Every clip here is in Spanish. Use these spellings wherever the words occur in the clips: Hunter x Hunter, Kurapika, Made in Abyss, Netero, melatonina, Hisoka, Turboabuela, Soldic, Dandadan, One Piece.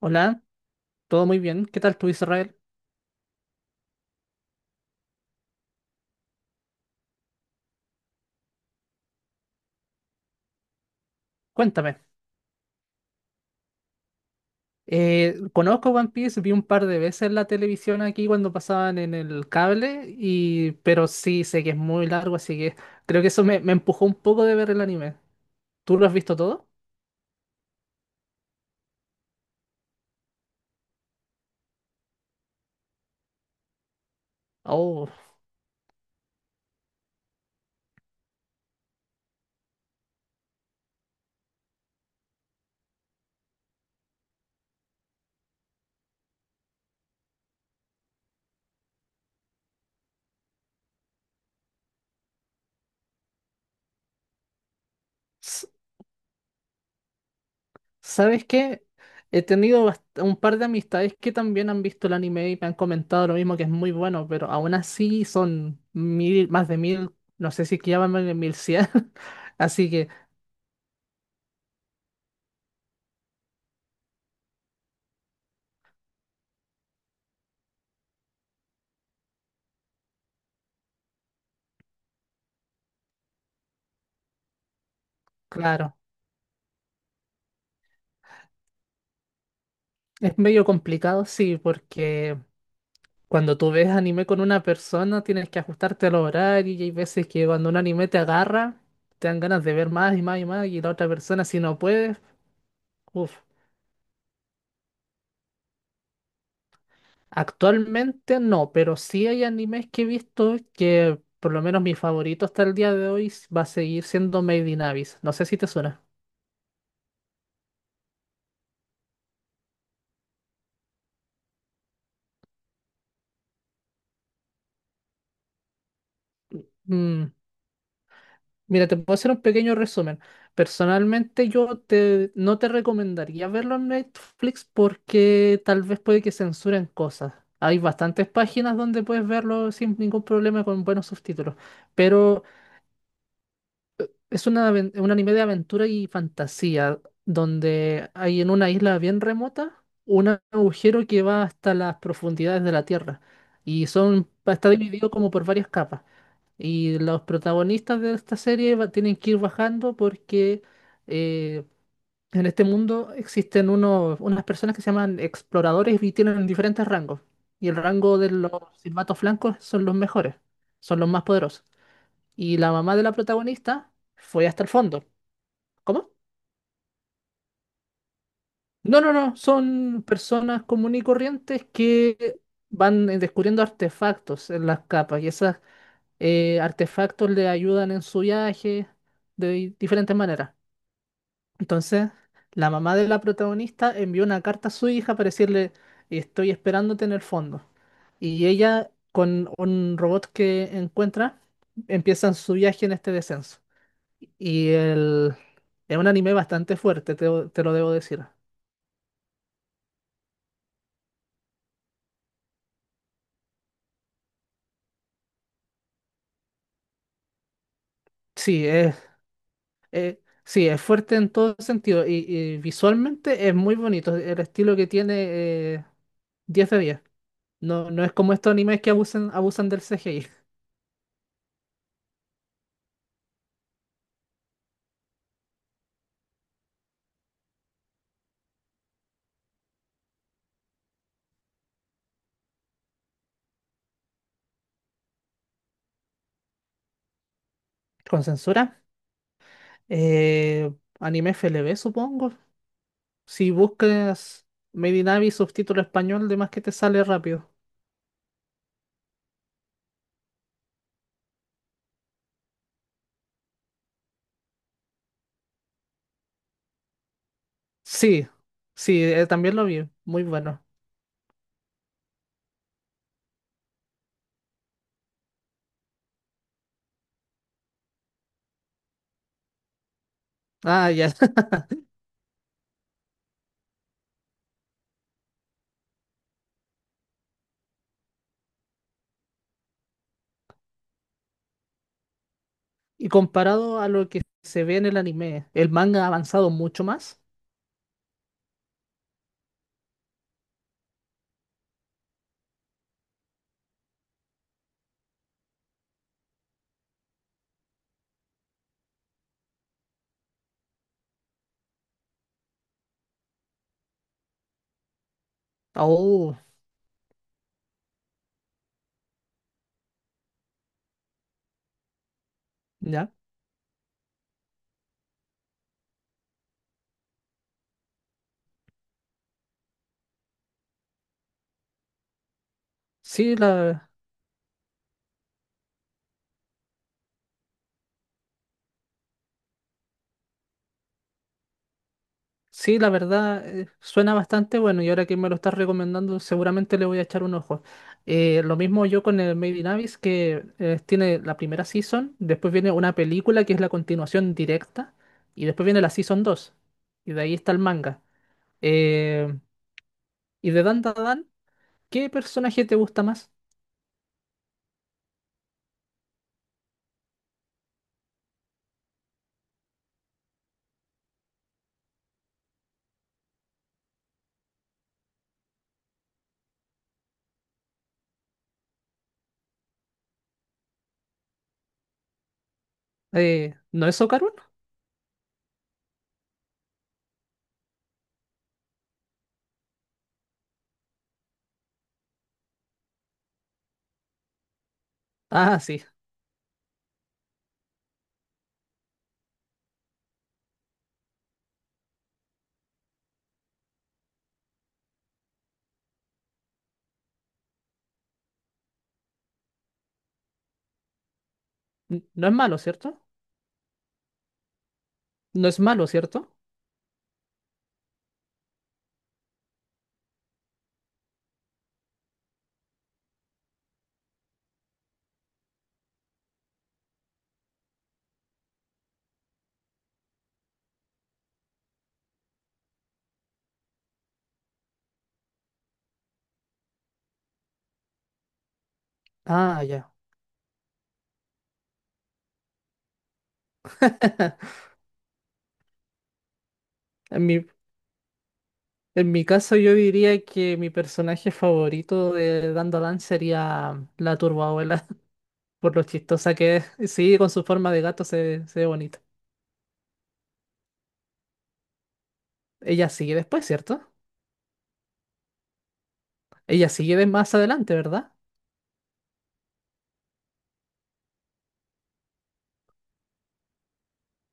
Hola, todo muy bien. ¿Qué tal tú, Israel? Cuéntame. Conozco One Piece, vi un par de veces la televisión aquí cuando pasaban en el cable, y... pero sí sé que es muy largo, así que creo que eso me empujó un poco de ver el anime. ¿Tú lo has visto todo? Oh, s- ¿sabes qué? He tenido un par de amistades que también han visto el anime y me han comentado lo mismo, que es muy bueno, pero aún así son mil, más de mil, no sé si que llaman mil cien, así que, claro. Es medio complicado, sí, porque cuando tú ves anime con una persona tienes que ajustarte al horario y hay veces que cuando un anime te agarra, te dan ganas de ver más y más y más y la otra persona si no puedes, uff. Actualmente no, pero sí hay animes que he visto que por lo menos mi favorito hasta el día de hoy va a seguir siendo Made in Abyss. No sé si te suena. Mm. Mira, te puedo hacer un pequeño resumen. Personalmente, no te recomendaría verlo en Netflix porque tal vez puede que censuren cosas. Hay bastantes páginas donde puedes verlo sin ningún problema con buenos subtítulos. Pero es una, un anime de aventura y fantasía donde hay en una isla bien remota un agujero que va hasta las profundidades de la Tierra y son, está dividido como por varias capas. Y los protagonistas de esta serie tienen que ir bajando porque eh, en este mundo existen unos, unas personas que se llaman exploradores y tienen diferentes rangos. Y el rango de los silbatos blancos son los mejores, son los más poderosos. Y la mamá de la protagonista fue hasta el fondo. ¿Cómo? No, no, no, son personas comunes y corrientes que van descubriendo artefactos en las capas y esos artefactos le ayudan en su viaje de diferentes maneras. Entonces, la mamá de la protagonista envió una carta a su hija para decirle, estoy esperándote en el fondo. Y ella, con un robot que encuentra, empiezan su viaje en este descenso. Y el... es un anime bastante fuerte, te lo debo decir. Sí, es, sí, es fuerte en todo sentido y visualmente es muy bonito. El estilo que tiene 10 de 10. No, no es como estos animes que abusan del CGI. ¿Con censura? Eh, Anime F L V supongo. Si buscas Made in Abyss subtítulo español, de más que te sale rápido. Sí, sí, también lo vi. Muy bueno. Ah, ya. Y comparado a lo que se ve en el anime, el manga ha avanzado mucho más. Oh, ya. Sí, la, Sí, la verdad, suena bastante bueno y ahora que me lo estás recomendando, seguramente le voy a echar un ojo. Lo mismo yo con el Made in Abyss, que tiene la primera season, después viene una película que es la continuación directa, y después viene la season 2 y de ahí está el manga. Eh, y de Dan Dan, ¿qué personaje te gusta más? ¿No es Socarun? Ah, sí. No es malo, ¿cierto? No es malo, ¿cierto? Ah, ya. Mi, En mi caso, yo diría que mi personaje favorito de Dandadan sería la Turboabuela, por lo chistosa que es. Sí, con su forma de gato se ve bonito. Ella sigue después, ¿cierto? Ella sigue de más adelante, ¿verdad?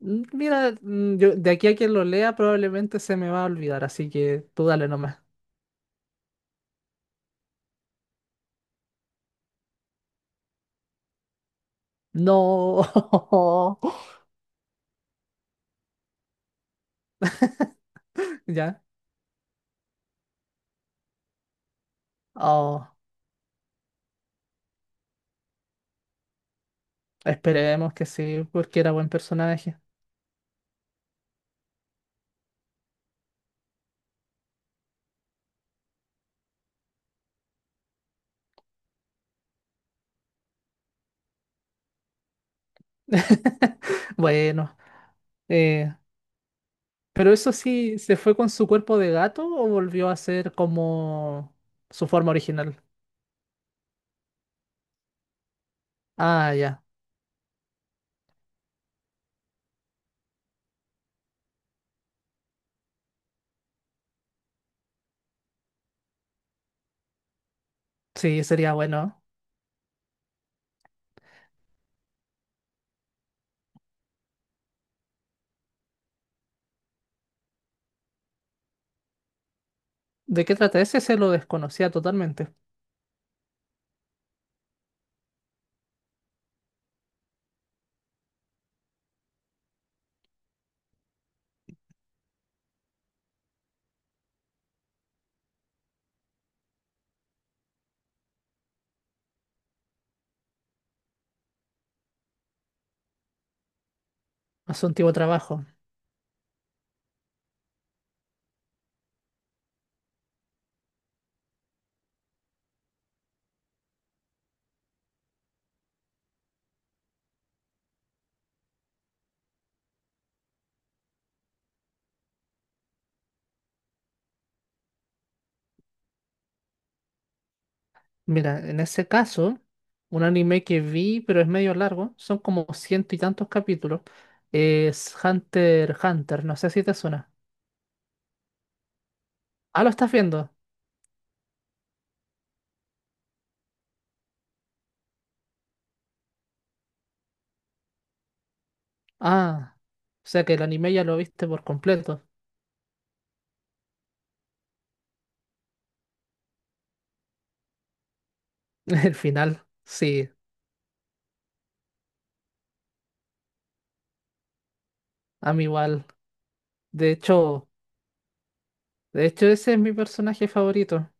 Mira, de aquí a quien lo lea probablemente se me va a olvidar, así que tú dale nomás. No, ya. Oh, esperemos que sí, porque era buen personaje. Bueno. eh, Pero eso sí, ¿se fue con su cuerpo de gato o volvió a ser como su forma original? Ah, ya. Sí, sería bueno. ¿De qué trata ese? Se lo desconocía totalmente. A su antiguo trabajo. Mira, en ese caso, un anime que vi, pero es medio largo, son como ciento y tantos capítulos, es Hunter x Hunter. No sé si te suena. Ah, lo estás viendo. Ah, o sea que el anime ya lo viste por completo. El final, sí, a mí igual. De hecho. De hecho, ese es mi personaje favorito.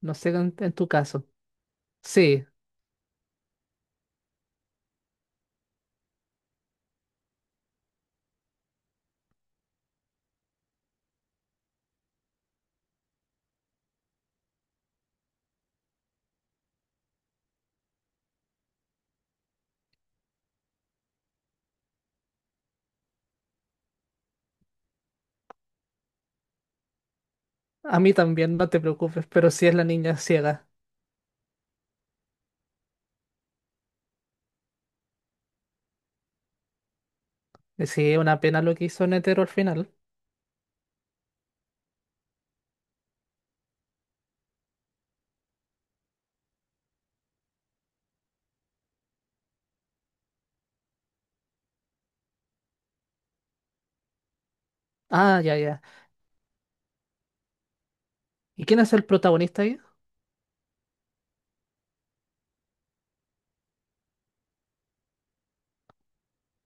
No sé en tu caso. Sí, a mí también, no te preocupes, pero sí es la niña ciega. Sí, es una pena lo que hizo Netero al final. Ah, ya, ya. ¿Y quién es el protagonista ahí?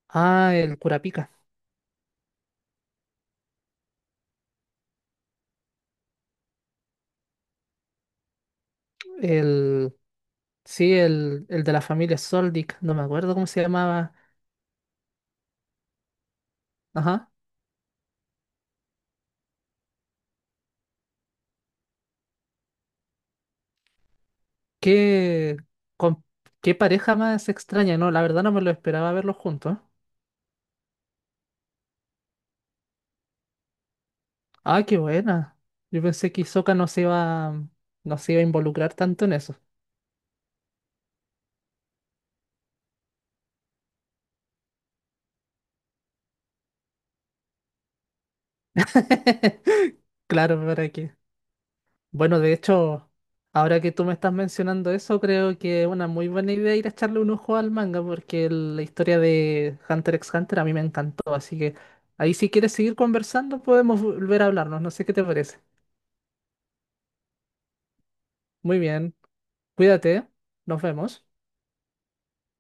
Ah, el Kurapika. El. Sí, el de la familia Soldic. No me acuerdo cómo se llamaba. Ajá. Qué. con- qué pareja más extraña, ¿no? La verdad no me lo esperaba verlos juntos. Ah, qué buena. Yo pensé que Hisoka no se iba a involucrar tanto en eso. Claro, ¿para qué? Bueno, de hecho, ahora que tú me estás mencionando eso, creo que es una muy buena idea ir a echarle un ojo al manga, porque la historia de Hunter x Hunter a mí me encantó, así que ahí si quieres seguir conversando podemos volver a hablarnos, no sé qué te parece. Muy bien, cuídate, nos vemos.